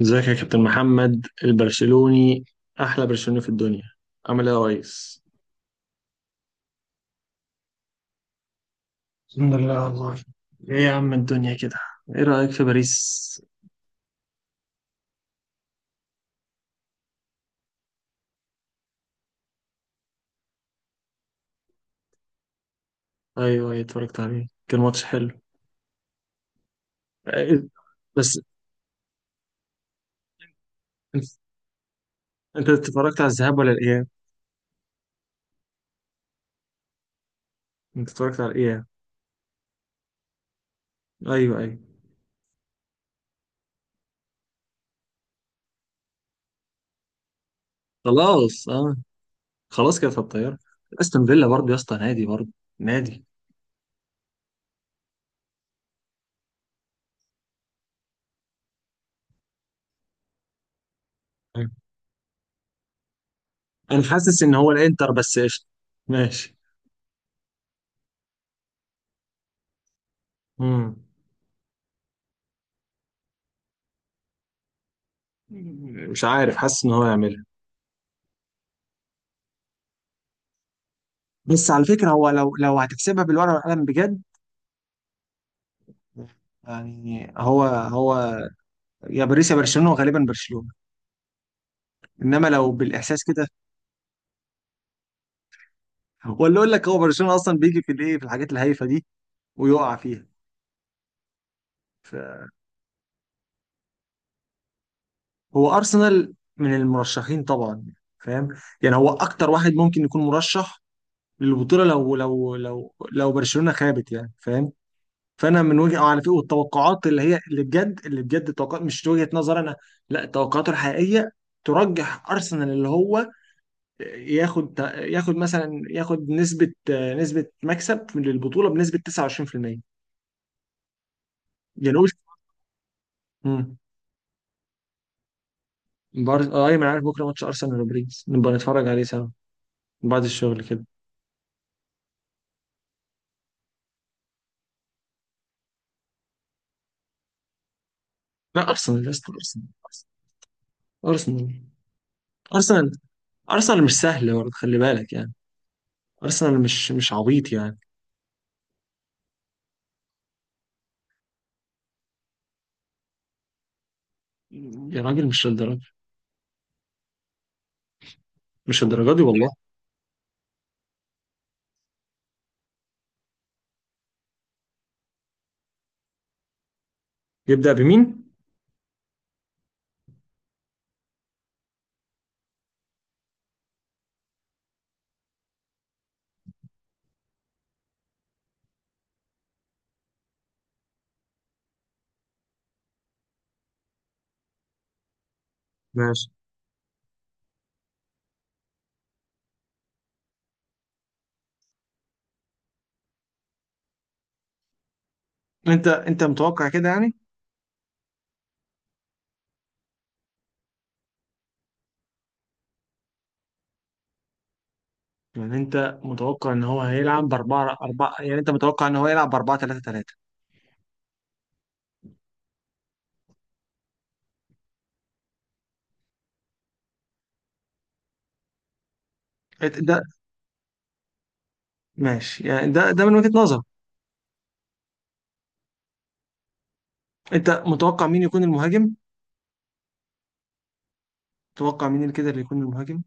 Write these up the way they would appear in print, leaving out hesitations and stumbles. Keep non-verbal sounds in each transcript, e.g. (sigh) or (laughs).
ازيك يا كابتن محمد البرشلوني. احلى برشلوني في الدنيا. عامل ايه يا ريس؟ الحمد لله والله. ايه يا عم الدنيا كده. ايه رايك في باريس؟ ايوه، ايوه، اتفرجت عليه، كان ماتش حلو. إيه، بس انت انت اتفرجت على الذهاب ولا الاياب؟ انت اتفرجت على الاياب. ايوه، ايوه. خلاص، اه، خلاص كده في الطياره. استون فيلا برضه يا اسطى، نادي، برضه نادي. أيوة. انا حاسس ان هو الانتر بس، قشطه. ماشي. مم. مش عارف، حاسس ان هو يعملها. بس على فكرة هو لو هتحسبها بالورقة والقلم بجد، يعني هو يا باريس يا برشلونة، وغالبا برشلونة. انما لو بالإحساس كده، ولا اقول لك هو برشلونة اصلا بيجي في الايه، في الحاجات الهايفة دي ويقع فيها. هو ارسنال من المرشحين طبعا، فاهم. يعني هو اكتر واحد ممكن يكون مرشح للبطولة لو برشلونة خابت، يعني فاهم. فانا من وجهه على فكره، والتوقعات اللي هي اللي بجد التوقعات، مش وجهه نظر انا. لا، التوقعات الحقيقيه ترجح ارسنال، اللي هو ياخد مثلا ياخد نسبه نسبه مكسب للبطوله بنسبه 29%. يعني قلت. امم. بارز، اه، ايوه انا عارف بكره ماتش ارسنال وباريس، نبقى نتفرج عليه سوا بعد الشغل كده. لا ارسنال يا اسطى، ارسنال ارسنال ارسنال. ارسنال مش سهل برضه، خلي بالك يعني. ارسنال مش عبيط يعني. يا راجل مش للدرجه، مش للدرجه دي والله. يبدأ بمين؟ ماشي. انت متوقع كده يعني. يعني انت متوقع ان هو هيلعب بـ4-4، يعني انت متوقع ان هو يلعب بـ4-3-3. ده ماشي يعني، ده من وجهة نظر. انت متوقع مين يكون المهاجم؟ متوقع مين اللي كده اللي يكون المهاجم؟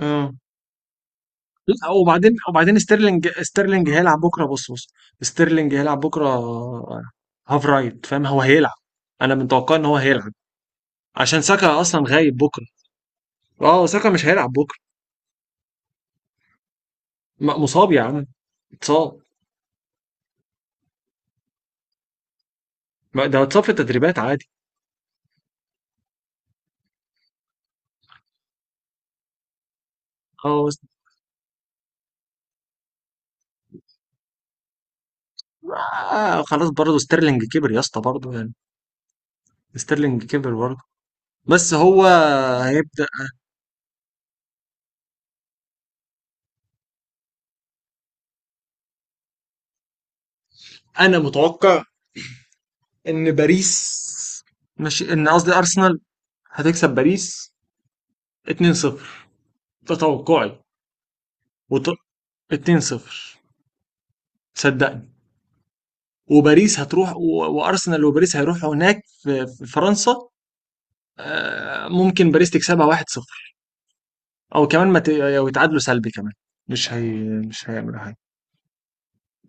اه، لا، وبعدين ستيرلينج هيلعب بكره. بص بص، ستيرلينج هيلعب بكره. هاف رايت، فاهم. هو هيلعب، انا متوقع ان هو هيلعب عشان ساكا اصلا غايب بكره. اه، ساكا مش هيلعب بكره. مصاب يا عم، اتصاب. ما ده اتصاب في التدريبات عادي. اه، خلاص برضه ستيرلينج كبر يا اسطى برضه يعني. ستيرلينج كبر برضه. بس هو هيبدأ. انا متوقع ان باريس، مش ان، قصدي ارسنال هتكسب باريس 2-0. ده توقعي. وط... 2-0، صدقني. وباريس هتروح وارسنال وباريس هيروحوا هناك في فرنسا. ممكن باريس تكسبها 1-0، او كمان ما ت... أو يتعادلوا سلبي كمان. مش هي، مش هيعمل،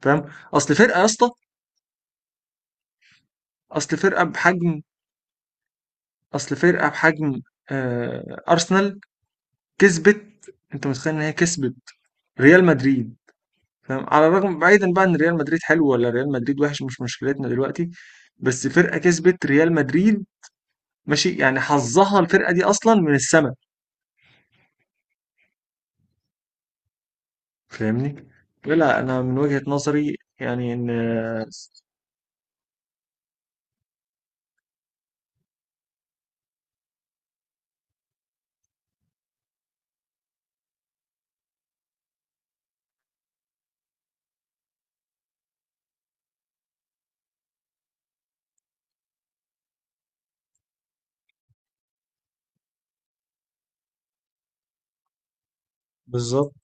فاهم. اصل فرقه يا اسطى، اصل فرقه بحجم اصل فرقه بحجم آه ارسنال كسبت. انت متخيل ان هي كسبت ريال مدريد؟ فاهم، على الرغم، بعيدا بقى ان ريال مدريد حلو ولا ريال مدريد وحش، مش مشكلتنا دلوقتي. بس فرقه كسبت ريال مدريد، ماشي يعني، حظها الفرقه دي اصلا من السما، فاهمني. لا انا من وجهه نظري يعني ان، بالظبط،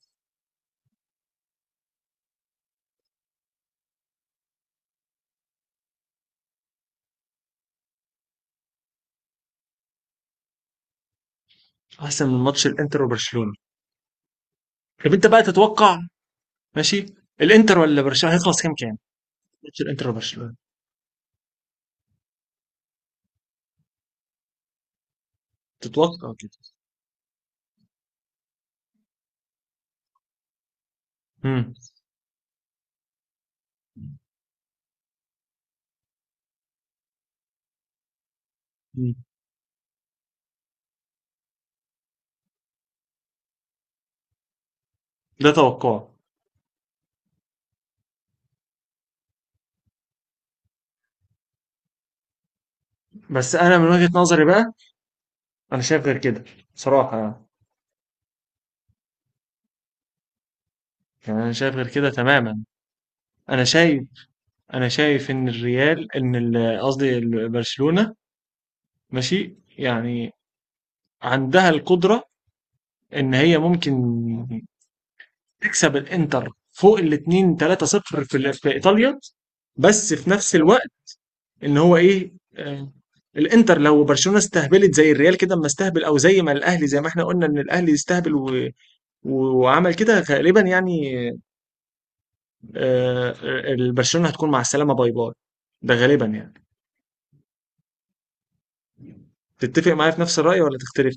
احسن من ماتش الانتر وبرشلونه. طب انت بقى تتوقع ماشي، الانتر ولا برشلونه هيخلص كام كام ماتش الانتر وبرشلونه؟ تتوقع كده. امم. مم. ده توقع. بس انا من وجهة نظري بقى، انا شايف غير كده صراحة يعني. يعني انا شايف غير كده تماما. انا شايف انا شايف ان الريال، قصدي برشلونة، ماشي يعني عندها القدرة ان هي ممكن تكسب الانتر فوق الاتنين 3 صفر في في ايطاليا. بس في نفس الوقت ان هو ايه، آه، الانتر لو برشلونه استهبلت زي الريال كده، اما استهبل، او زي ما الاهلي، زي ما احنا قلنا ان الاهلي استهبل و... وعمل كده غالبا يعني. آه، برشلونه هتكون مع السلامه، باي باي، ده غالبا يعني. تتفق معايا في نفس الرأي ولا تختلف؟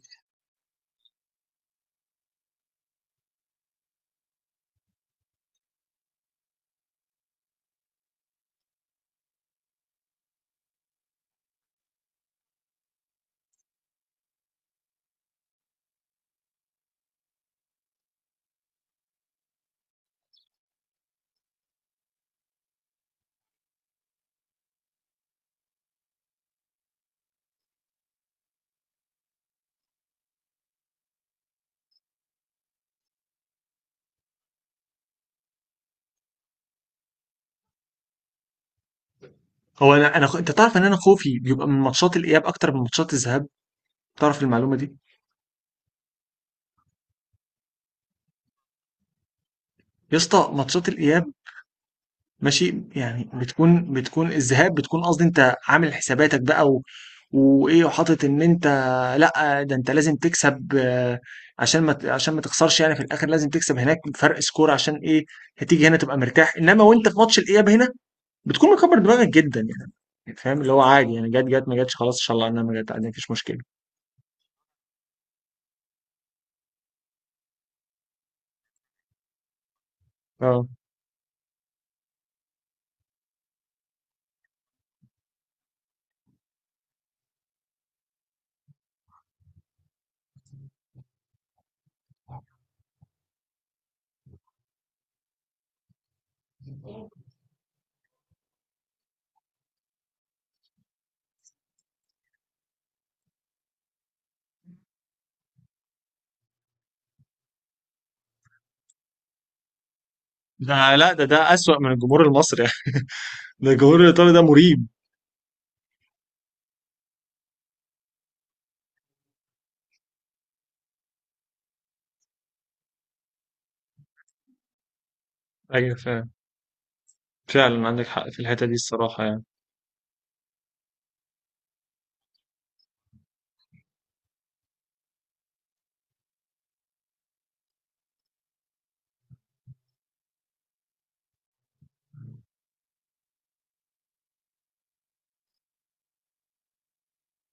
هو انا انت تعرف ان انا خوفي بيبقى من ماتشات الاياب اكتر من ماتشات الذهاب، تعرف المعلومة دي؟ يا اسطى ماتشات الاياب، ماشي يعني، بتكون الذهاب بتكون، قصدي انت عامل حساباتك بقى وايه، وحاطط ان انت، لا، ده انت لازم تكسب، عشان ما ت- عشان ما تخسرش يعني في الاخر، لازم تكسب هناك فرق سكور، عشان ايه؟ هتيجي هنا تبقى مرتاح، انما وانت في ماتش الاياب هنا، بتكون مكبر دماغك جدا يعني. فاهم اللي هو عادي يعني، جت جت ما جتش، خلاص ان شاء الله انها ما جت عادي، مفيش مشكله. اه، ده، لا، ده اسوأ من الجمهور المصري (laughs) يعني. ده الجمهور الايطالي ده مريب. ايوه فاهم، فعلا عندك حق في الحته دي الصراحه يعني.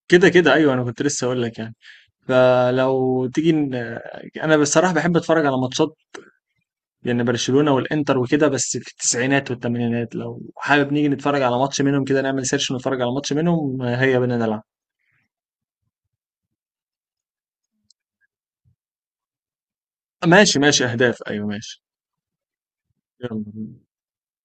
كده كده ايوه، انا كنت لسه اقول لك يعني، فلو تيجي يعني انا بصراحه بحب اتفرج على ماتشات، يعني برشلونه والانتر وكده، بس في التسعينات والثمانينات، لو حابب نيجي نتفرج على ماتش منهم كده، نعمل سيرش ونتفرج على ماتش منهم، هيا بينا نلعب. ماشي، ماشي اهداف، ايوه ماشي، يلا